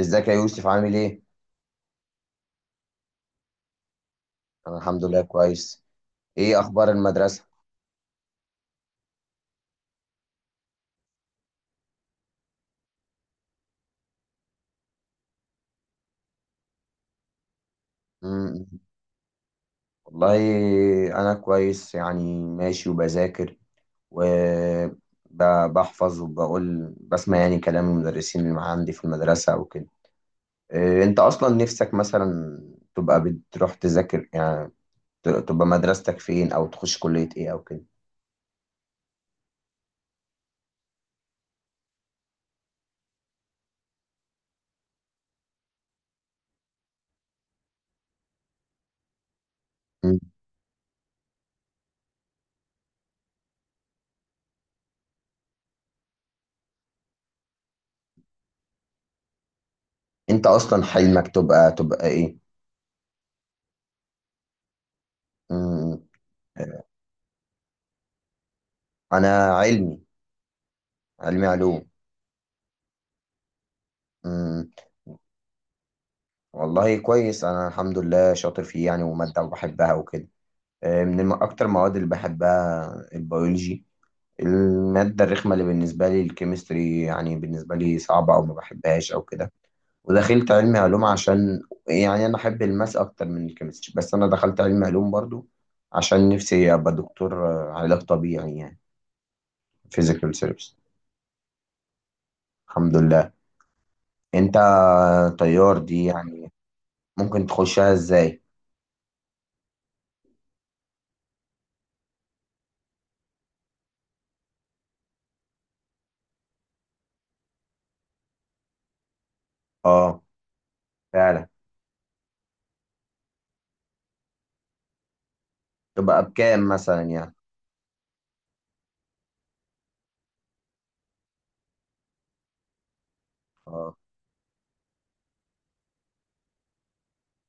ازيك يا يوسف، عامل ايه؟ انا الحمد لله كويس. ايه اخبار المدرسة؟ مم. والله انا كويس يعني ماشي وبذاكر وبحفظ وبقول بسمع يعني كلام المدرسين اللي معاه عندي في المدرسة وكده. إيه انت اصلا نفسك مثلا تبقى بتروح تذاكر يعني؟ تبقى مدرستك فين او تخش كلية ايه او كده؟ مم. انت اصلا حلمك تبقى ايه؟ مم. انا علمي. علمي علوم. والله كويس، انا الحمد لله شاطر فيه يعني، وماده وبحبها وكده. من اكتر المواد اللي بحبها البيولوجي. الماده الرخمه اللي بالنسبه لي الكيمستري، يعني بالنسبه لي صعبه او ما بحبهاش او كده. ودخلت علمي علوم عشان يعني انا احب الماس اكتر من الكيمستري، بس انا دخلت علمي علوم برضو عشان نفسي ابقى دكتور. علاج طبيعي يعني، فيزيكال سيرفيس. الحمد لله. انت، طيار دي يعني، ممكن تخشها ازاي؟ اه فعلا. تبقى بكام مثلا يعني؟ اه،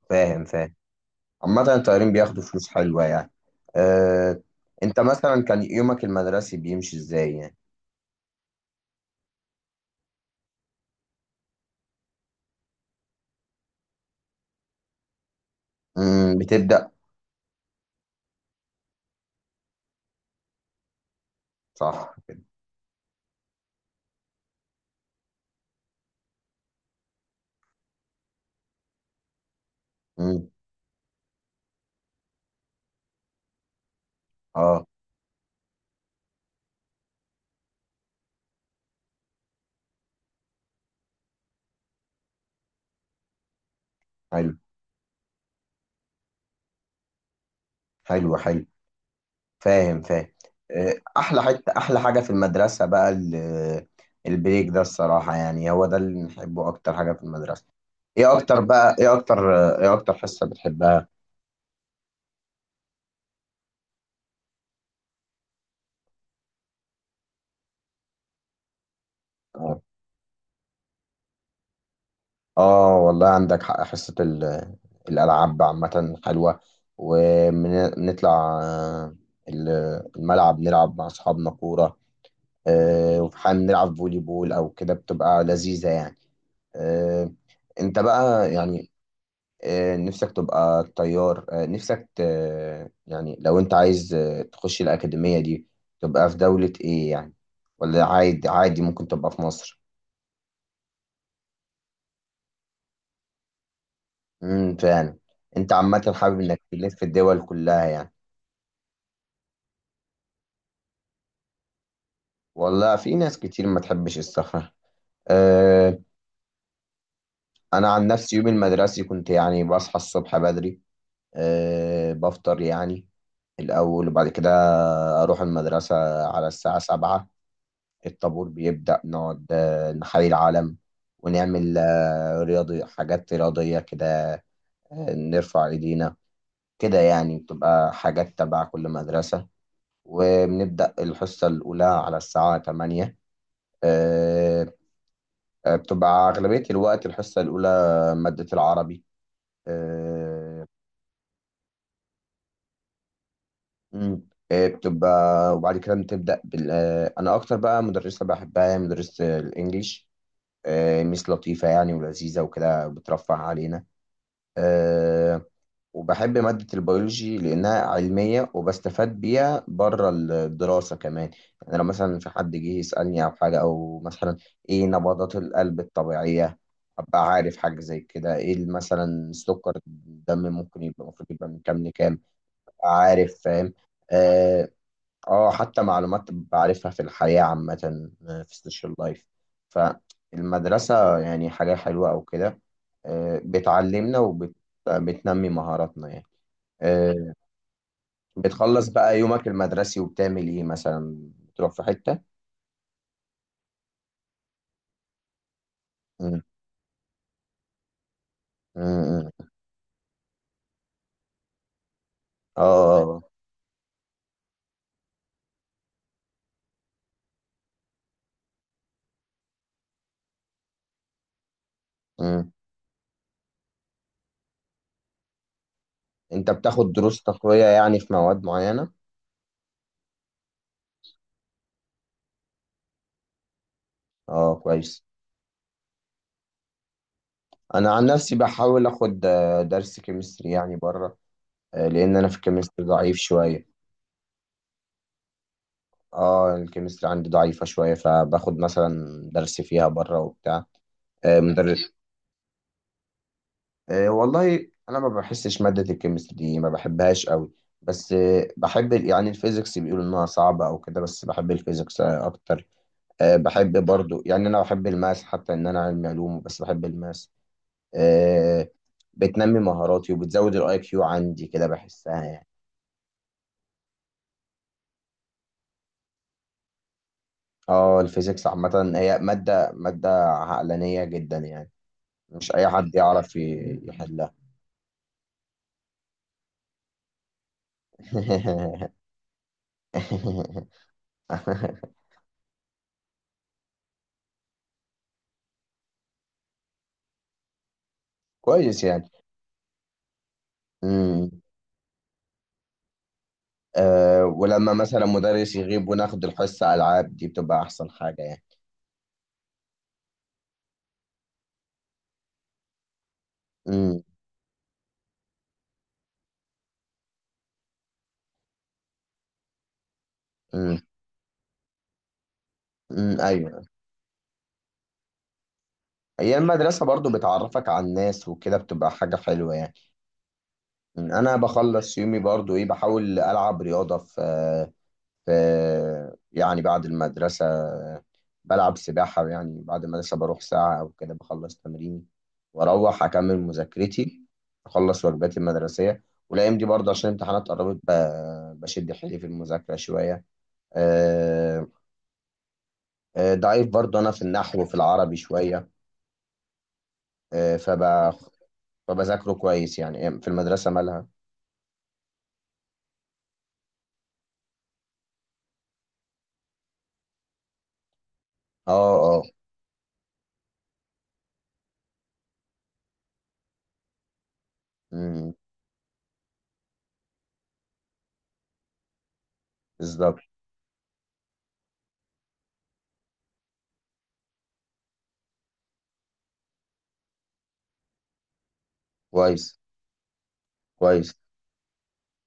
فاهم فاهم. عامة الطيارين بياخدوا فلوس حلوة يعني. آه، انت مثلا كان يومك المدرسي بيمشي ازاي يعني؟ بتبدأ. صح كده. امم. اه، حلو حلو حلو. فاهم فاهم. احلى حتة، احلى حاجة في المدرسة بقى البريك ده، الصراحة يعني هو ده اللي بنحبه اكتر حاجة في المدرسة. ايه اكتر بقى ايه اكتر ايه اكتر حصة بتحبها؟ آه. اه والله عندك حق، حصة الألعاب عامة حلوة، ونطلع الملعب نلعب مع أصحابنا كورة. وفي حال نلعب فولي بول أو كده بتبقى لذيذة يعني. آه، أنت بقى يعني، نفسك تبقى طيار، يعني لو أنت عايز تخش الأكاديمية دي، تبقى في دولة إيه يعني، ولا عادي عادي ممكن تبقى في مصر؟ فعلا. أنت عامة حابب إنك تلف في الدول كلها يعني. والله في ناس كتير ما تحبش السفر. أه. انا عن نفسي يوم المدرسي كنت يعني بصحى الصبح بدري. بفطر يعني الاول، وبعد كده اروح المدرسة على الساعة سبعة. الطابور بيبدأ، نقعد نحيي العلم، ونعمل آه، رياضي حاجات رياضية كده، نرفع ايدينا. كده يعني بتبقى حاجات تبع كل مدرسة. وبنبدأ الحصة الأولى على الساعة 8. بتبقى أغلبية الوقت الحصة الأولى مادة العربي. آه، مم. آه، بتبقى وبعد كده بتبدأ أنا أكتر بقى مدرسة بحبها هي مدرسة الإنجليش. ميس لطيفة يعني ولذيذة وكده، بترفه علينا. آه، وبحب مادة البيولوجي لأنها علمية، وبستفاد بيها بره الدراسة كمان. يعني لو مثلا في حد جه يسألني أو حاجة، أو مثلا إيه نبضات القلب الطبيعية، أبقى عارف حاجة زي كده. إيه مثلا سكر الدم ممكن يبقى، المفروض يبقى من كام لكام، أبقى عارف فاهم. آه, حتى معلومات بعرفها في الحياة عامة، في السوشيال لايف. فالمدرسة يعني حاجة حلوة أو كده، بتعلمنا وبتنمي مهاراتنا يعني. آه، بتخلص بقى يومك المدرسي، وبتعمل ايه مثلا؟ بتروح في حتة؟ مم. مم. مم. اه. آه. آه. مم. انت بتاخد دروس تقوية يعني في مواد معينة؟ اه كويس. انا عن نفسي بحاول اخد درس كيمستري يعني بره، لان انا في الكيمستري ضعيف شوية. اه الكيمستري عندي ضعيفة شوية، فباخد مثلا درس فيها بره وبتاع. آه، مدر- والله انا ما بحسش ماده الكيمستري دي، ما بحبهاش قوي، بس بحب يعني الفيزيكس. بيقولوا انها صعبه او كده، بس بحب الفيزيكس اكتر. بحب برضو يعني، انا بحب الماس حتى ان انا علمي علوم، بس بحب الماس. أه. بتنمي مهاراتي وبتزود الاي كيو عندي كده، بحسها يعني. اه الفيزيكس عامه هي ماده ماده عقلانيه جدا يعني. مش اي حد يعرف يحلها. كويس يعني. ولما مثلا مدرس يغيب وناخد الحصة ألعاب، دي بتبقى أحسن حاجة يعني. امم. امم. امم. ايوه. هي المدرسه برضو بتعرفك على الناس وكده، بتبقى حاجه حلوه يعني. انا بخلص يومي برضو ايه؟ بحاول العب رياضه في يعني بعد المدرسه. بلعب سباحه، يعني بعد المدرسه بروح ساعه او كده بخلص تمريني، واروح اكمل مذاكرتي، اخلص واجباتي المدرسيه. والايام دي برضو عشان الامتحانات قربت، بشد حيلي في المذاكره شويه. آه، ضعيف برضه أنا في النحو في العربي شوية. آه، فب... فبذاكره كويس يعني، في المدرسة مالها. اه اه. أمم، بالظبط. كويس كويس.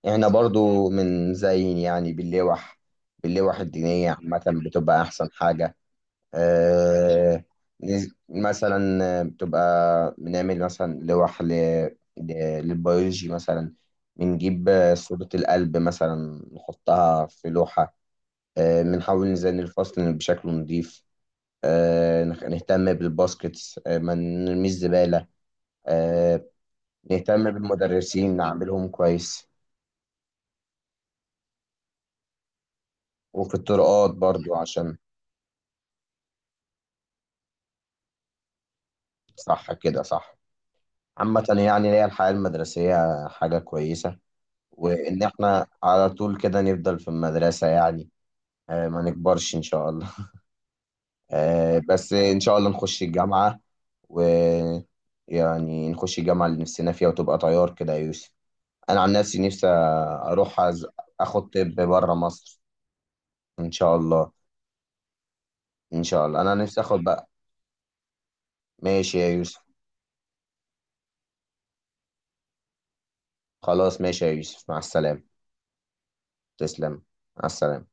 احنا برضو من زين يعني باللوح. باللوح الدينية عامة بتبقى أحسن حاجة. آه. مثلا بتبقى بنعمل مثلا لوح ل... للبيولوجي مثلا. بنجيب صورة القلب مثلا، نحطها في لوحة. بنحاول نزين الفصل بشكل نظيف، نهتم بالباسكتس، ما نرميش زبالة، آه، نهتم بالمدرسين نعملهم كويس، وفي الطرقات برضو عشان صح كده صح. عامة يعني هي الحياة المدرسية حاجة كويسة. وإن إحنا على طول كده نفضل في المدرسة يعني، ما نكبرش إن شاء الله. بس إن شاء الله نخش الجامعة، ويعني نخش الجامعة اللي نفسنا فيها، وتبقى طيار كده يا يوسف. انا عن نفسي اروح اخد طب بره مصر، ان شاء الله. ان شاء الله انا نفسي اخد بقى. ماشي يا يوسف. خلاص ماشي يا يوسف، مع السلامة. تسلم. مع السلامة.